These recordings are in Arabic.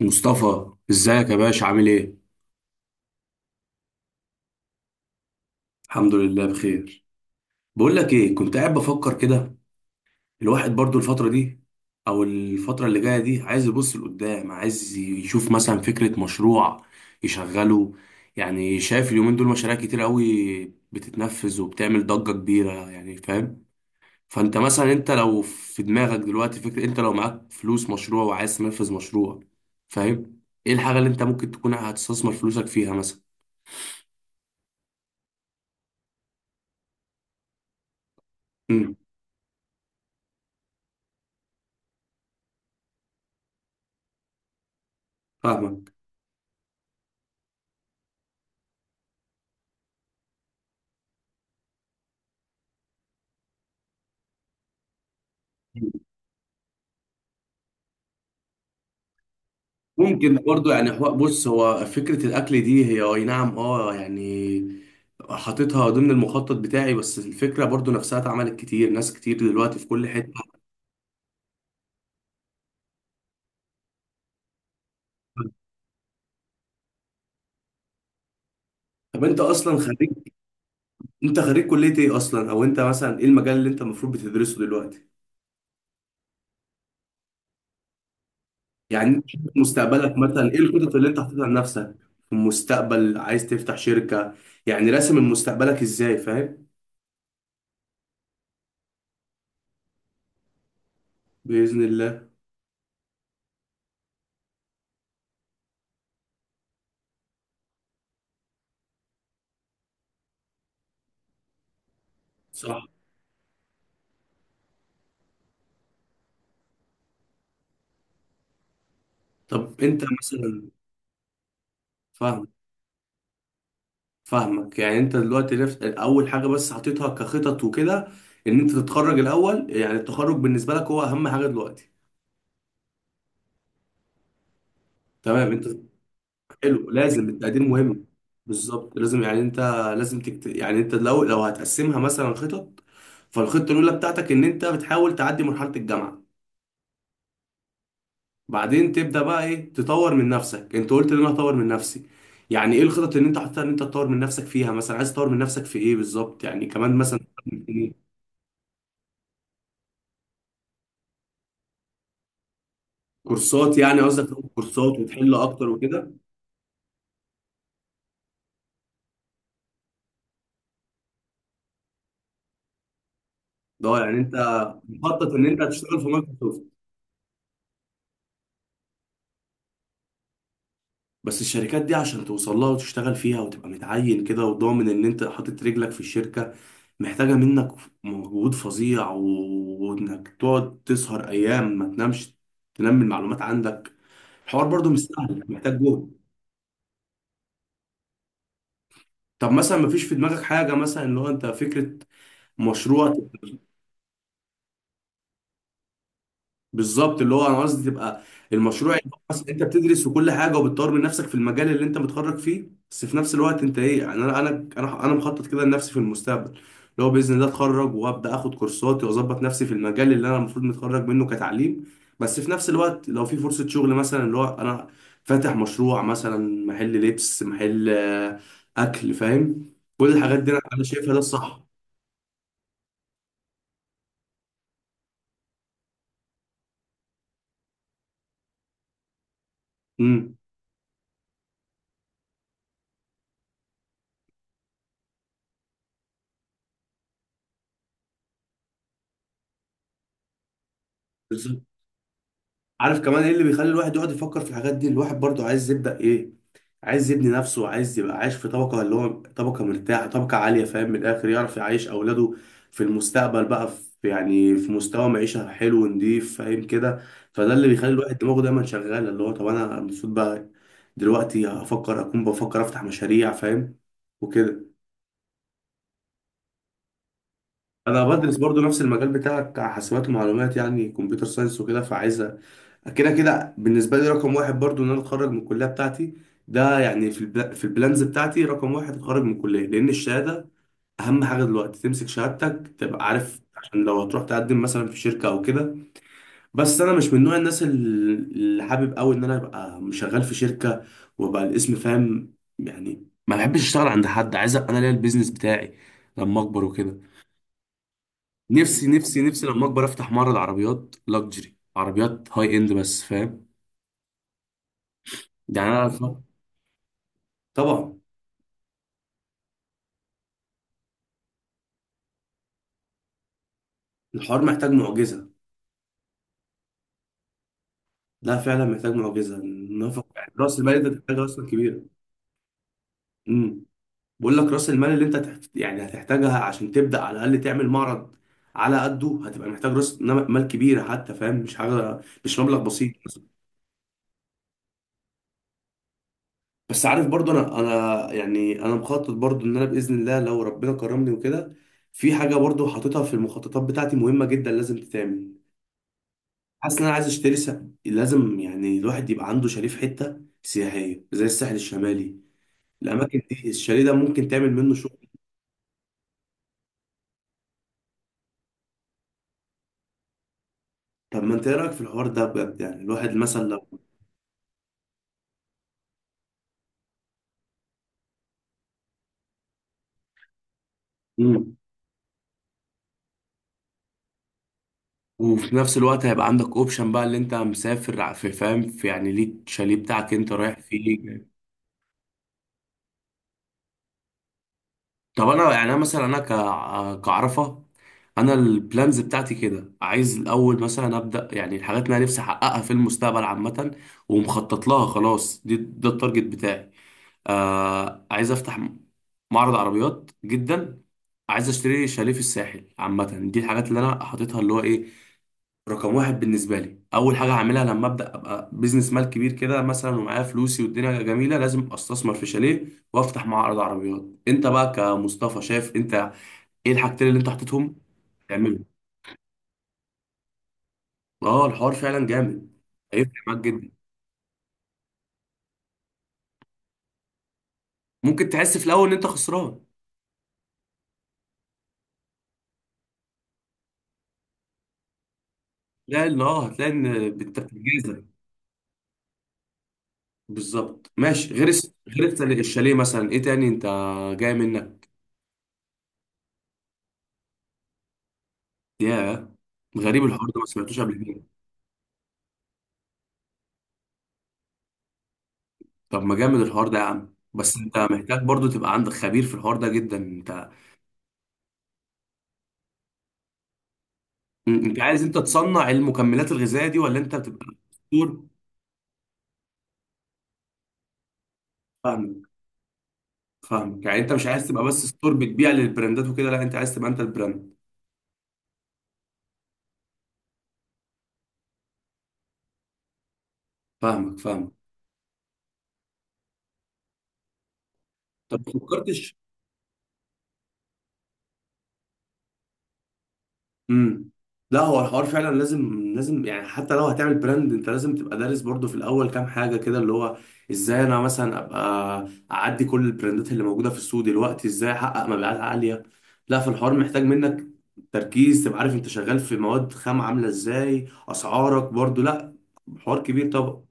مصطفى، ازيك يا باشا؟ عامل ايه؟ الحمد لله بخير. بقول لك ايه، كنت قاعد بفكر كده. الواحد برضو الفتره دي او الفتره اللي جايه دي عايز يبص لقدام، عايز يشوف مثلا فكره مشروع يشغله. يعني شايف اليومين دول مشاريع كتير قوي بتتنفذ وبتعمل ضجه كبيره، يعني فاهم؟ فانت مثلا انت لو في دماغك دلوقتي فكره، انت لو معاك فلوس مشروع وعايز تنفذ مشروع، فاهم؟ ايه الحاجه اللي انت ممكن تكون هتستثمر فلوسك فيها مثلا؟ امم. فاهمك. ممكن برضو، يعني بص، هو فكرة الأكل دي هي أي نعم، يعني حاططها ضمن المخطط بتاعي، بس الفكرة برضو نفسها اتعملت كتير، ناس كتير دلوقتي في كل حتة. طب أنت أصلا خريج؟ أنت خريج كلية إيه أصلا؟ أو أنت مثلا إيه المجال اللي أنت المفروض بتدرسه دلوقتي؟ يعني أنت شايف مستقبلك مثلا، إيه الخطط اللي أنت حاططها لنفسك؟ في المستقبل عايز تفتح شركة؟ يعني راسم مستقبلك إزاي، فاهم؟ بإذن الله. صح. طب أنت مثلا. فاهم؟ فاهمك، يعني انت دلوقتي رفت اول حاجه بس حطيتها كخطط وكده، ان انت تتخرج الاول. يعني التخرج بالنسبه لك هو اهم حاجه دلوقتي. تمام، انت. حلو، لازم التقدير مهم. بالظبط، لازم، يعني انت يعني انت لو هتقسمها مثلا خطط. فالخطه الاولى بتاعتك ان انت بتحاول تعدي مرحله الجامعه. بعدين تبدا بقى ايه، تطور من نفسك. انت قلت ان انا هطور من نفسي، يعني ايه الخطط اللي انت حاططها ان انت تطور من نفسك فيها؟ مثلا عايز تطور من نفسك في ايه بالظبط؟ يعني كمان مثلا. كورسات؟ يعني قصدك تاخد كورسات وتحل اكتر وكده؟ ده هو، يعني انت مخطط ان انت هتشتغل في مايكروسوفت؟ بس الشركات دي عشان توصل لها وتشتغل فيها وتبقى متعين كده وضامن ان انت حاطط رجلك في الشركة، محتاجة منك مجهود فظيع وانك تقعد تسهر ايام ما تنامش، تنمي المعلومات عندك. الحوار برضو مش سهل، محتاج جهد. طب مثلا ما فيش في دماغك حاجة مثلا اللي هو انت فكرة مشروع؟ بالظبط، اللي هو انا قصدي تبقى المشروع، يبقى أصل انت بتدرس وكل حاجه وبتطور من نفسك في المجال اللي انت متخرج فيه، بس في نفس الوقت انت ايه؟ يعني انا، أنا مخطط كده لنفسي في المستقبل، اللي هو باذن الله اتخرج وابدا اخد كورساتي واظبط نفسي في المجال اللي انا المفروض متخرج منه كتعليم، بس في نفس الوقت لو في فرصه شغل مثلا، اللي هو انا فاتح مشروع، مثلا محل لبس، محل اكل، فاهم؟ كل الحاجات دي انا شايفها ده الصح. امم. عارف كمان ايه اللي بيخلي الواحد يقعد يفكر في الحاجات دي؟ الواحد برضو عايز يبدأ، ايه، عايز يبني نفسه، عايز يبقى عايش في طبقة، اللي هو طبقة مرتاحة، طبقة عالية، فاهم؟ من الآخر يعرف يعيش أولاده في المستقبل بقى في مستوى معيشة حلو ونضيف، فاهم كده؟ فده اللي بيخلي الواحد دماغه دايما شغالة، اللي هو طب أنا المفروض بقى دلوقتي أكون بفكر أفتح مشاريع، فاهم؟ وكده. أنا بدرس برضو نفس المجال بتاعك، حاسبات ومعلومات، يعني كمبيوتر ساينس وكده، فعايز كده كده. بالنسبة لي رقم واحد برضو إن أنا أتخرج من الكلية بتاعتي. ده يعني في البلانز بتاعتي رقم واحد أتخرج من الكلية، لأن الشهادة أهم حاجة دلوقتي، تمسك شهادتك تبقى عارف، عشان لو هتروح تقدم مثلا في شركة أو كده. بس أنا مش من نوع الناس اللي حابب أوي إن أنا أبقى شغال في شركة وأبقى الاسم، فاهم؟ يعني ما بحبش أشتغل عند حد، عايز أبقى أنا ليا البيزنس بتاعي لما أكبر وكده. نفسي نفسي نفسي لما أكبر أفتح معرض عربيات لاكجري، عربيات هاي إند بس، فاهم؟ يعني أنا. طبعا. الحوار محتاج معجزه. لا فعلا محتاج معجزه. نفق، يعني راس المال، انت تحتاج راس مال كبيره. امم. بقول لك راس المال اللي انت يعني هتحتاجها عشان تبدا على الاقل تعمل معرض، على قده هتبقى محتاج راس مال كبيره حتى، فاهم؟ مش حاجه، مش مبلغ بسيط. بس عارف برضو، انا يعني انا مخطط برضو ان انا باذن الله لو ربنا كرمني وكده، في حاجه برضو حاططها في المخططات بتاعتي مهمه جدا لازم تتعمل. حاسس ان انا عايز اشتري. لازم يعني الواحد يبقى عنده شاليه في حته سياحيه زي الساحل الشمالي. الاماكن دي، الشاليه ده ممكن تعمل منه شغل. طب ما انت ايه رايك في الحوار ده بجد؟ يعني الواحد مثلا لو. مم. وفي نفس الوقت هيبقى عندك اوبشن بقى، اللي انت مسافر في، فاهم؟ في، يعني ليك شاليه بتاعك انت رايح فيه. طب انا، يعني انا مثلا انا كعرفه، انا البلانز بتاعتي كده عايز الاول مثلا ابدا، يعني الحاجات اللي انا نفسي احققها في المستقبل عامه ومخطط لها خلاص، دي ده التارجت بتاعي. عايز افتح معرض عربيات جدا، عايز اشتري شاليه في الساحل عامه. دي الحاجات اللي انا حاططها، اللي هو ايه، رقم واحد بالنسبه لي، اول حاجه هعملها لما ابدا ابقى بزنس مال كبير كده مثلا، ومعايا فلوسي والدنيا جميله، لازم استثمر في شاليه وافتح معرض عربيات. انت بقى كمصطفى شايف انت ايه الحاجتين اللي انت حطيتهم تعمله؟ اه، الحوار فعلا جامد، هيفرق معاك جدا. ممكن تحس في الاول ان انت خسران. لا، لا، هتلاقي ان بتجازف. بالظبط، ماشي. غير الشاليه مثلا، ايه تاني انت جاي منك؟ ياه، غريب الحوار ده، ما سمعتوش قبل كده. طب ما جامد الحوار ده يا عم، بس انت محتاج برضو تبقى عندك خبير في الحوار ده جدا. انت انت عايز انت تصنع المكملات الغذائيه دي، ولا انت بتبقى دكتور؟ فاهمك. فاهمك، يعني انت مش عايز تبقى بس ستور بتبيع للبراندات وكده، لا انت عايز تبقى انت البراند. فاهمك، فاهمك. طب ما فكرتش؟ امم. لا، هو الحوار فعلا لازم، لازم، يعني حتى لو هتعمل براند انت لازم تبقى دارس برضو في الاول كام حاجه كده، اللي هو ازاي انا مثلا ابقى اعدي كل البراندات اللي موجوده في السوق دلوقتي؟ ازاي احقق مبيعات عاليه؟ لا، في الحوار محتاج منك تركيز، تبقى عارف انت شغال في مواد خام عامله ازاي، اسعارك برضو، لا، حوار كبير طبعا.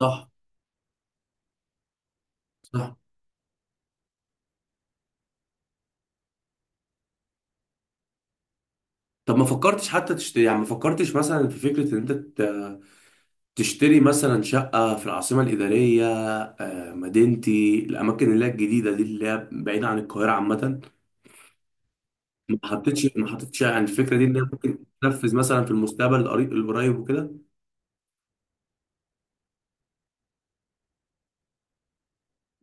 صح. صح. طب ما فكرتش حتى تشتري، يعني ما فكرتش مثلا في فكرة ان انت تشتري مثلا شقة في العاصمة الإدارية، مدينتي، الأماكن اللي هي الجديدة دي اللي هي بعيدة عن القاهرة عامة؟ ما حطيتش، ما حطيتش يعني الفكرة دي ان هي ممكن تنفذ مثلا في المستقبل القريب القريب وكده؟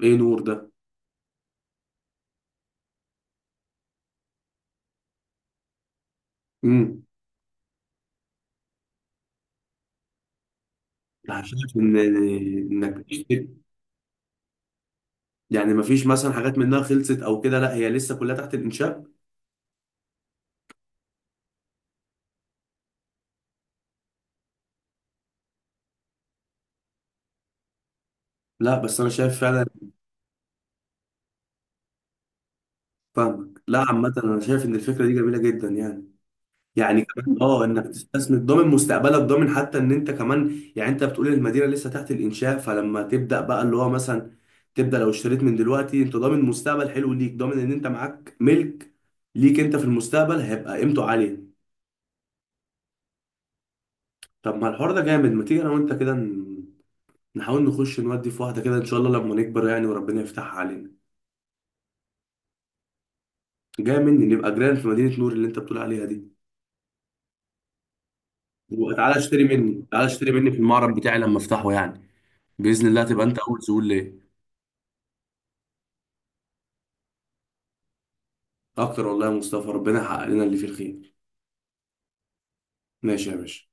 ايه نور ده؟ امم. شايف ان انك تشتري. يعني ما فيش مثلا حاجات منها خلصت او كده، لا هي لسه كلها تحت الانشاء؟ لا بس انا شايف فعلا. فاهمك، لا عامة انا شايف ان الفكرة دي جميلة جدا يعني. يعني كمان انك تستثمر، ضامن مستقبلك، ضامن حتى ان انت كمان، يعني انت بتقول المدينه لسه تحت الانشاء، فلما تبدا بقى اللي هو مثلا تبدا، لو اشتريت من دلوقتي انت ضامن مستقبل حلو ليك، ضامن ان انت معاك ملك ليك انت في المستقبل هيبقى قيمته عاليه. طب ما الحوار ده جامد، ما تيجي انا وانت كده نحاول نخش نودي في واحده كده ان شاء الله لما نكبر يعني، وربنا يفتحها علينا. جاي مني، نبقى جيران في مدينه نور اللي انت بتقول عليها دي. وتعالى اشتري مني، تعالى اشتري مني في المعرض بتاعي لما افتحه يعني، باذن الله تبقى انت اول زبون ليه. اكتر والله يا مصطفى، ربنا يحقق لنا اللي فيه الخير. ماشي يا باشا.